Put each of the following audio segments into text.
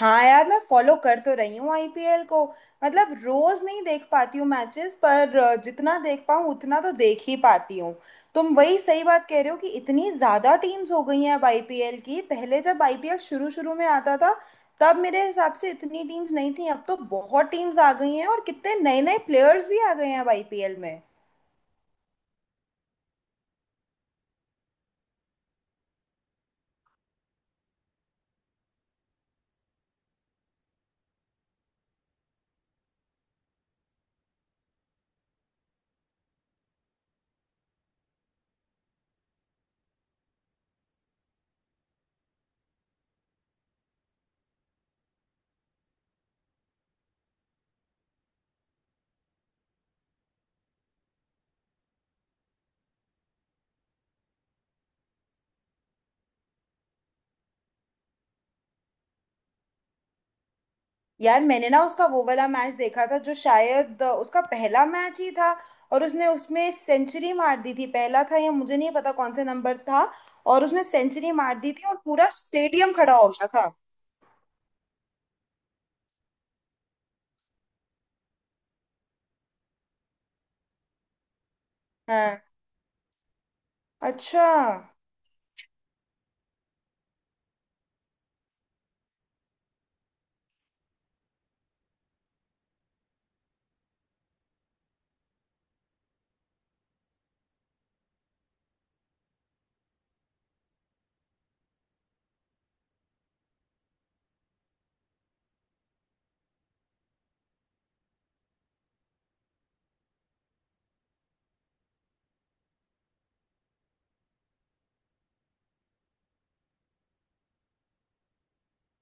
हाँ यार, मैं फॉलो कर तो रही हूँ आईपीएल को। मतलब रोज नहीं देख पाती हूँ मैचेस पर जितना देख पाऊँ उतना तो देख ही पाती हूँ। तुम वही सही बात कह रहे हो कि इतनी ज्यादा टीम्स हो गई हैं अब आईपीएल की। पहले जब आईपीएल शुरू शुरू में आता था तब मेरे हिसाब से इतनी टीम्स नहीं थी। अब तो बहुत टीम्स आ गई हैं और कितने नए नए प्लेयर्स भी आ गए हैं अब आईपीएल में। यार मैंने ना उसका वो वाला मैच देखा था जो शायद उसका पहला मैच ही था और उसने उसमें सेंचुरी मार दी थी। पहला था या मुझे नहीं पता कौन से नंबर था। और उसने सेंचुरी मार दी थी और पूरा स्टेडियम खड़ा हो गया था। हाँ। अच्छा।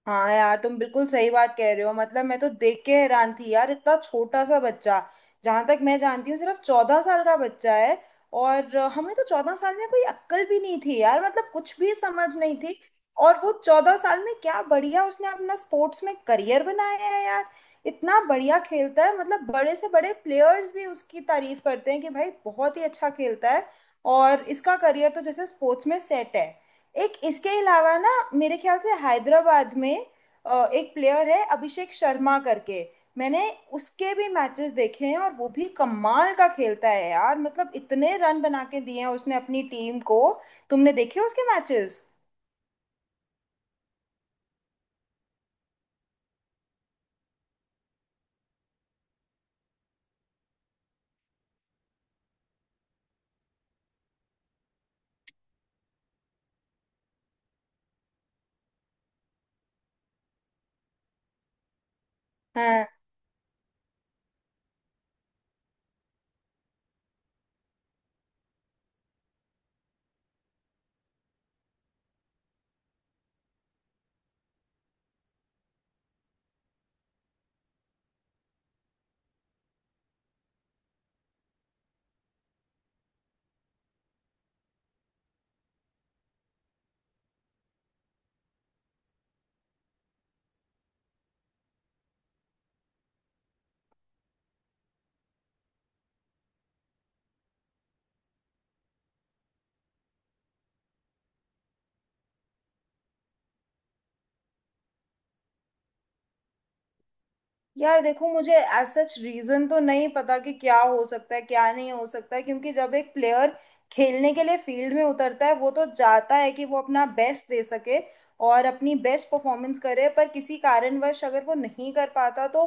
हाँ यार, तुम बिल्कुल सही बात कह रहे हो। मतलब मैं तो देख के हैरान थी यार, इतना छोटा सा बच्चा। जहां तक मैं जानती हूँ सिर्फ 14 साल का बच्चा है। और हमें तो 14 साल में कोई अक्ल भी नहीं थी यार, मतलब कुछ भी समझ नहीं थी। और वो 14 साल में क्या बढ़िया उसने अपना स्पोर्ट्स में करियर बनाया है यार। इतना बढ़िया खेलता है, मतलब बड़े से बड़े प्लेयर्स भी उसकी तारीफ करते हैं कि भाई बहुत ही अच्छा खेलता है। और इसका करियर तो जैसे स्पोर्ट्स में सेट है। एक इसके अलावा ना, मेरे ख्याल से हैदराबाद में एक प्लेयर है अभिषेक शर्मा करके। मैंने उसके भी मैचेस देखे हैं और वो भी कमाल का खेलता है यार। मतलब इतने रन बना के दिए हैं उसने अपनी टीम को। तुमने देखे उसके मैचेस? यार देखो मुझे एज सच रीजन तो नहीं पता कि क्या हो सकता है क्या नहीं हो सकता है। क्योंकि जब एक प्लेयर खेलने के लिए फील्ड में उतरता है वो तो चाहता है कि वो अपना बेस्ट दे सके और अपनी बेस्ट परफॉर्मेंस करे। पर किसी कारणवश अगर वो नहीं कर पाता तो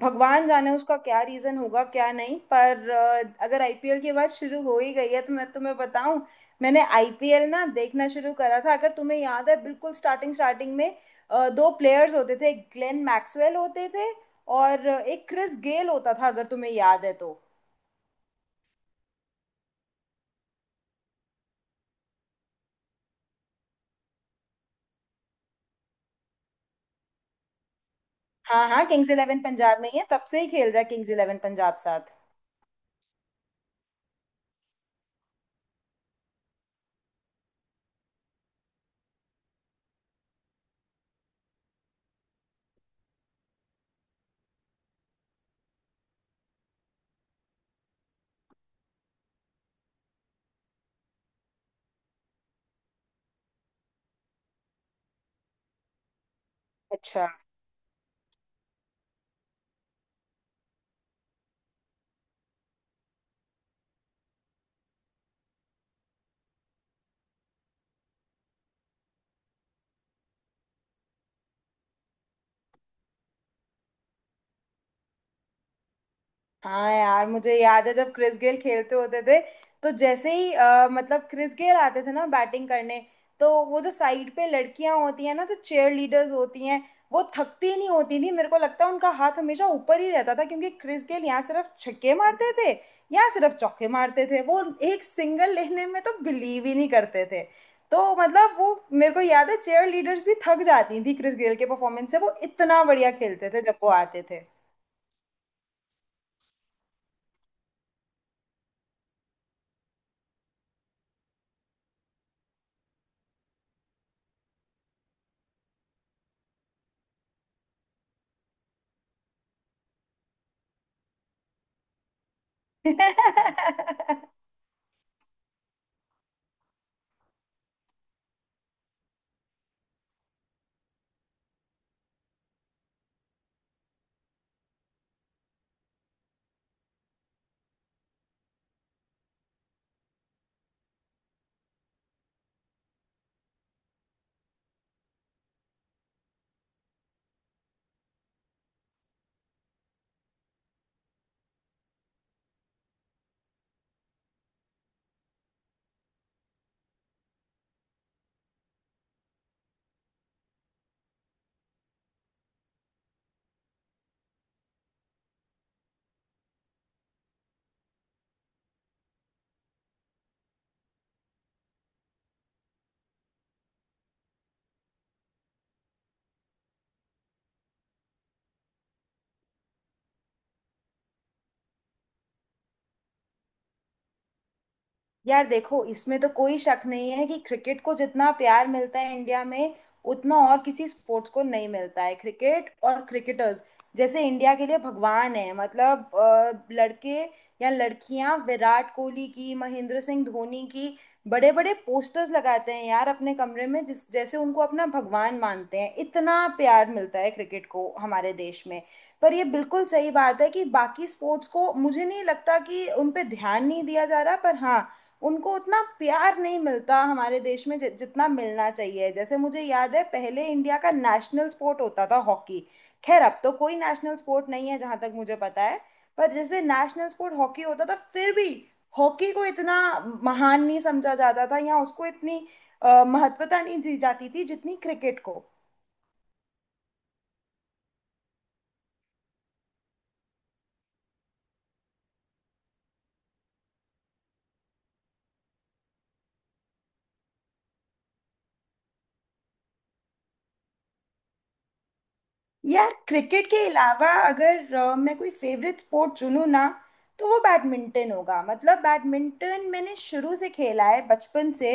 भगवान जाने उसका क्या रीजन होगा क्या नहीं। पर अगर आईपीएल की बात शुरू हो ही गई है तो मैं तुम्हें बताऊं, मैंने आईपीएल ना देखना शुरू करा था, अगर तुम्हें याद है, बिल्कुल स्टार्टिंग स्टार्टिंग में दो प्लेयर्स होते थे। ग्लेन मैक्सवेल होते थे और एक क्रिस गेल होता था, अगर तुम्हें याद है तो। हाँ हाँ, किंग्स इलेवन पंजाब में ही है, तब से ही खेल रहा है किंग्स इलेवन पंजाब साथ। अच्छा। हाँ यार, मुझे याद है जब क्रिस गेल खेलते होते थे तो जैसे ही मतलब क्रिस गेल आते थे ना बैटिंग करने, तो वो जो साइड पे लड़कियां होती हैं ना जो चेयर लीडर्स होती हैं, वो थकती नहीं होती थी। मेरे को लगता है उनका हाथ हमेशा ऊपर ही रहता था क्योंकि क्रिस गेल यहाँ सिर्फ छक्के मारते थे, यहाँ सिर्फ चौके मारते थे वो। एक सिंगल लेने में तो बिलीव ही नहीं करते थे। तो मतलब वो मेरे को याद है, चेयर लीडर्स भी थक जाती थी क्रिस गेल के परफॉर्मेंस से। वो इतना बढ़िया खेलते थे जब वो आते थे। यार देखो इसमें तो कोई शक नहीं है कि क्रिकेट को जितना प्यार मिलता है इंडिया में उतना और किसी स्पोर्ट्स को नहीं मिलता है। क्रिकेट और क्रिकेटर्स जैसे इंडिया के लिए भगवान है। मतलब लड़के या लड़कियां विराट कोहली की, महेंद्र सिंह धोनी की बड़े बड़े पोस्टर्स लगाते हैं यार अपने कमरे में, जिस जैसे उनको अपना भगवान मानते हैं। इतना प्यार मिलता है क्रिकेट को हमारे देश में। पर ये बिल्कुल सही बात है कि बाकी स्पोर्ट्स को, मुझे नहीं लगता कि उन पे ध्यान नहीं दिया जा रहा, पर हाँ, उनको उतना प्यार नहीं मिलता हमारे देश में जितना मिलना चाहिए। जैसे मुझे याद है पहले इंडिया का नेशनल स्पोर्ट होता था हॉकी। खैर अब तो कोई नेशनल स्पोर्ट नहीं है जहां तक मुझे पता है। पर जैसे नेशनल स्पोर्ट हॉकी होता था, फिर भी हॉकी को इतना महान नहीं समझा जाता था या उसको इतनी महत्वता नहीं दी जाती थी जितनी क्रिकेट को। यार क्रिकेट के अलावा अगर मैं कोई फेवरेट स्पोर्ट चुनूँ ना, तो वो बैडमिंटन होगा। मतलब बैडमिंटन मैंने शुरू से खेला है, बचपन से।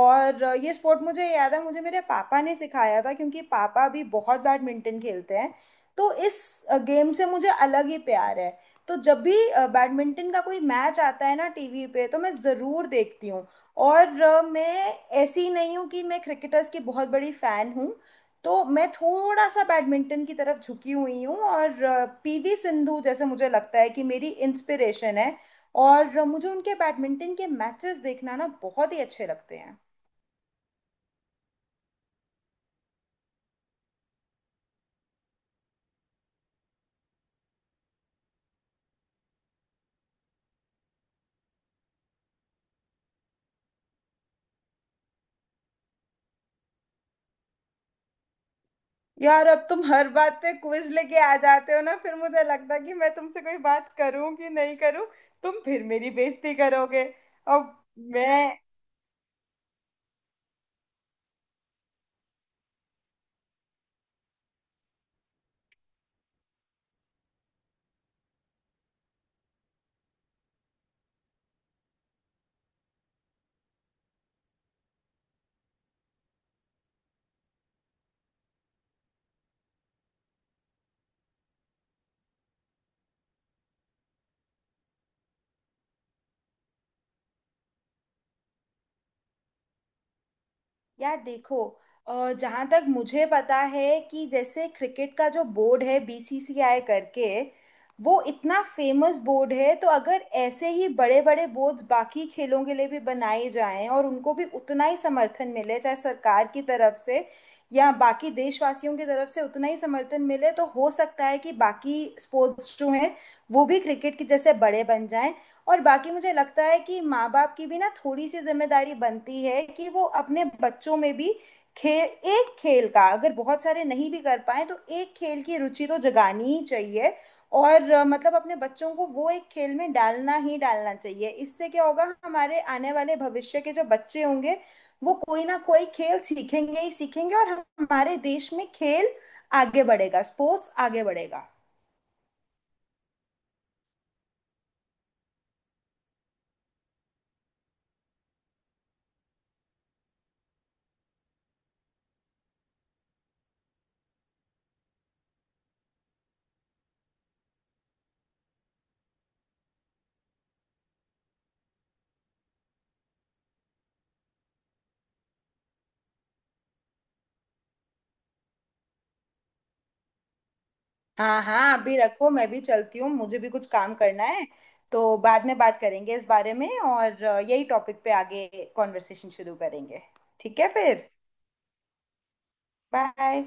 और ये स्पोर्ट मुझे याद है मुझे मेरे पापा ने सिखाया था क्योंकि पापा भी बहुत बैडमिंटन खेलते हैं। तो इस गेम से मुझे अलग ही प्यार है। तो जब भी बैडमिंटन का कोई मैच आता है ना टीवी पे तो मैं ज़रूर देखती हूँ। और मैं ऐसी नहीं हूँ कि मैं क्रिकेटर्स की बहुत बड़ी फ़ैन हूँ। तो मैं थोड़ा सा बैडमिंटन की तरफ झुकी हुई हूँ। और पीवी सिंधु जैसे मुझे लगता है कि मेरी इंस्पिरेशन है। और मुझे उनके बैडमिंटन के मैचेस देखना ना बहुत ही अच्छे लगते हैं। यार अब तुम हर बात पे क्विज लेके आ जाते हो ना। फिर मुझे लगता है कि मैं तुमसे कोई बात करूं कि नहीं करूं, तुम फिर मेरी बेइज्जती करोगे। अब मैं। यार देखो जहाँ तक मुझे पता है कि जैसे क्रिकेट का जो बोर्ड है बीसीसीआई करके, वो इतना फेमस बोर्ड है। तो अगर ऐसे ही बड़े बड़े बोर्ड बाकी खेलों के लिए भी बनाए जाएं और उनको भी उतना ही समर्थन मिले चाहे सरकार की तरफ से या बाकी देशवासियों की तरफ से उतना ही समर्थन मिले, तो हो सकता है कि बाकी स्पोर्ट्स जो हैं वो भी क्रिकेट की जैसे बड़े बन जाएं। और बाकी मुझे लगता है कि माँ बाप की भी ना थोड़ी सी जिम्मेदारी बनती है कि वो अपने बच्चों में भी खेल, एक खेल का अगर बहुत सारे नहीं भी कर पाए तो एक खेल की रुचि तो जगानी ही चाहिए। और मतलब अपने बच्चों को वो एक खेल में डालना ही डालना चाहिए। इससे क्या होगा, हमारे आने वाले भविष्य के जो बच्चे होंगे वो कोई ना कोई खेल सीखेंगे ही सीखेंगे और हमारे देश में खेल आगे बढ़ेगा, स्पोर्ट्स आगे बढ़ेगा। हाँ हाँ अभी रखो, मैं भी चलती हूँ, मुझे भी कुछ काम करना है। तो बाद में बात करेंगे इस बारे में और यही टॉपिक पे आगे कॉन्वर्सेशन शुरू करेंगे। ठीक है फिर। बाय।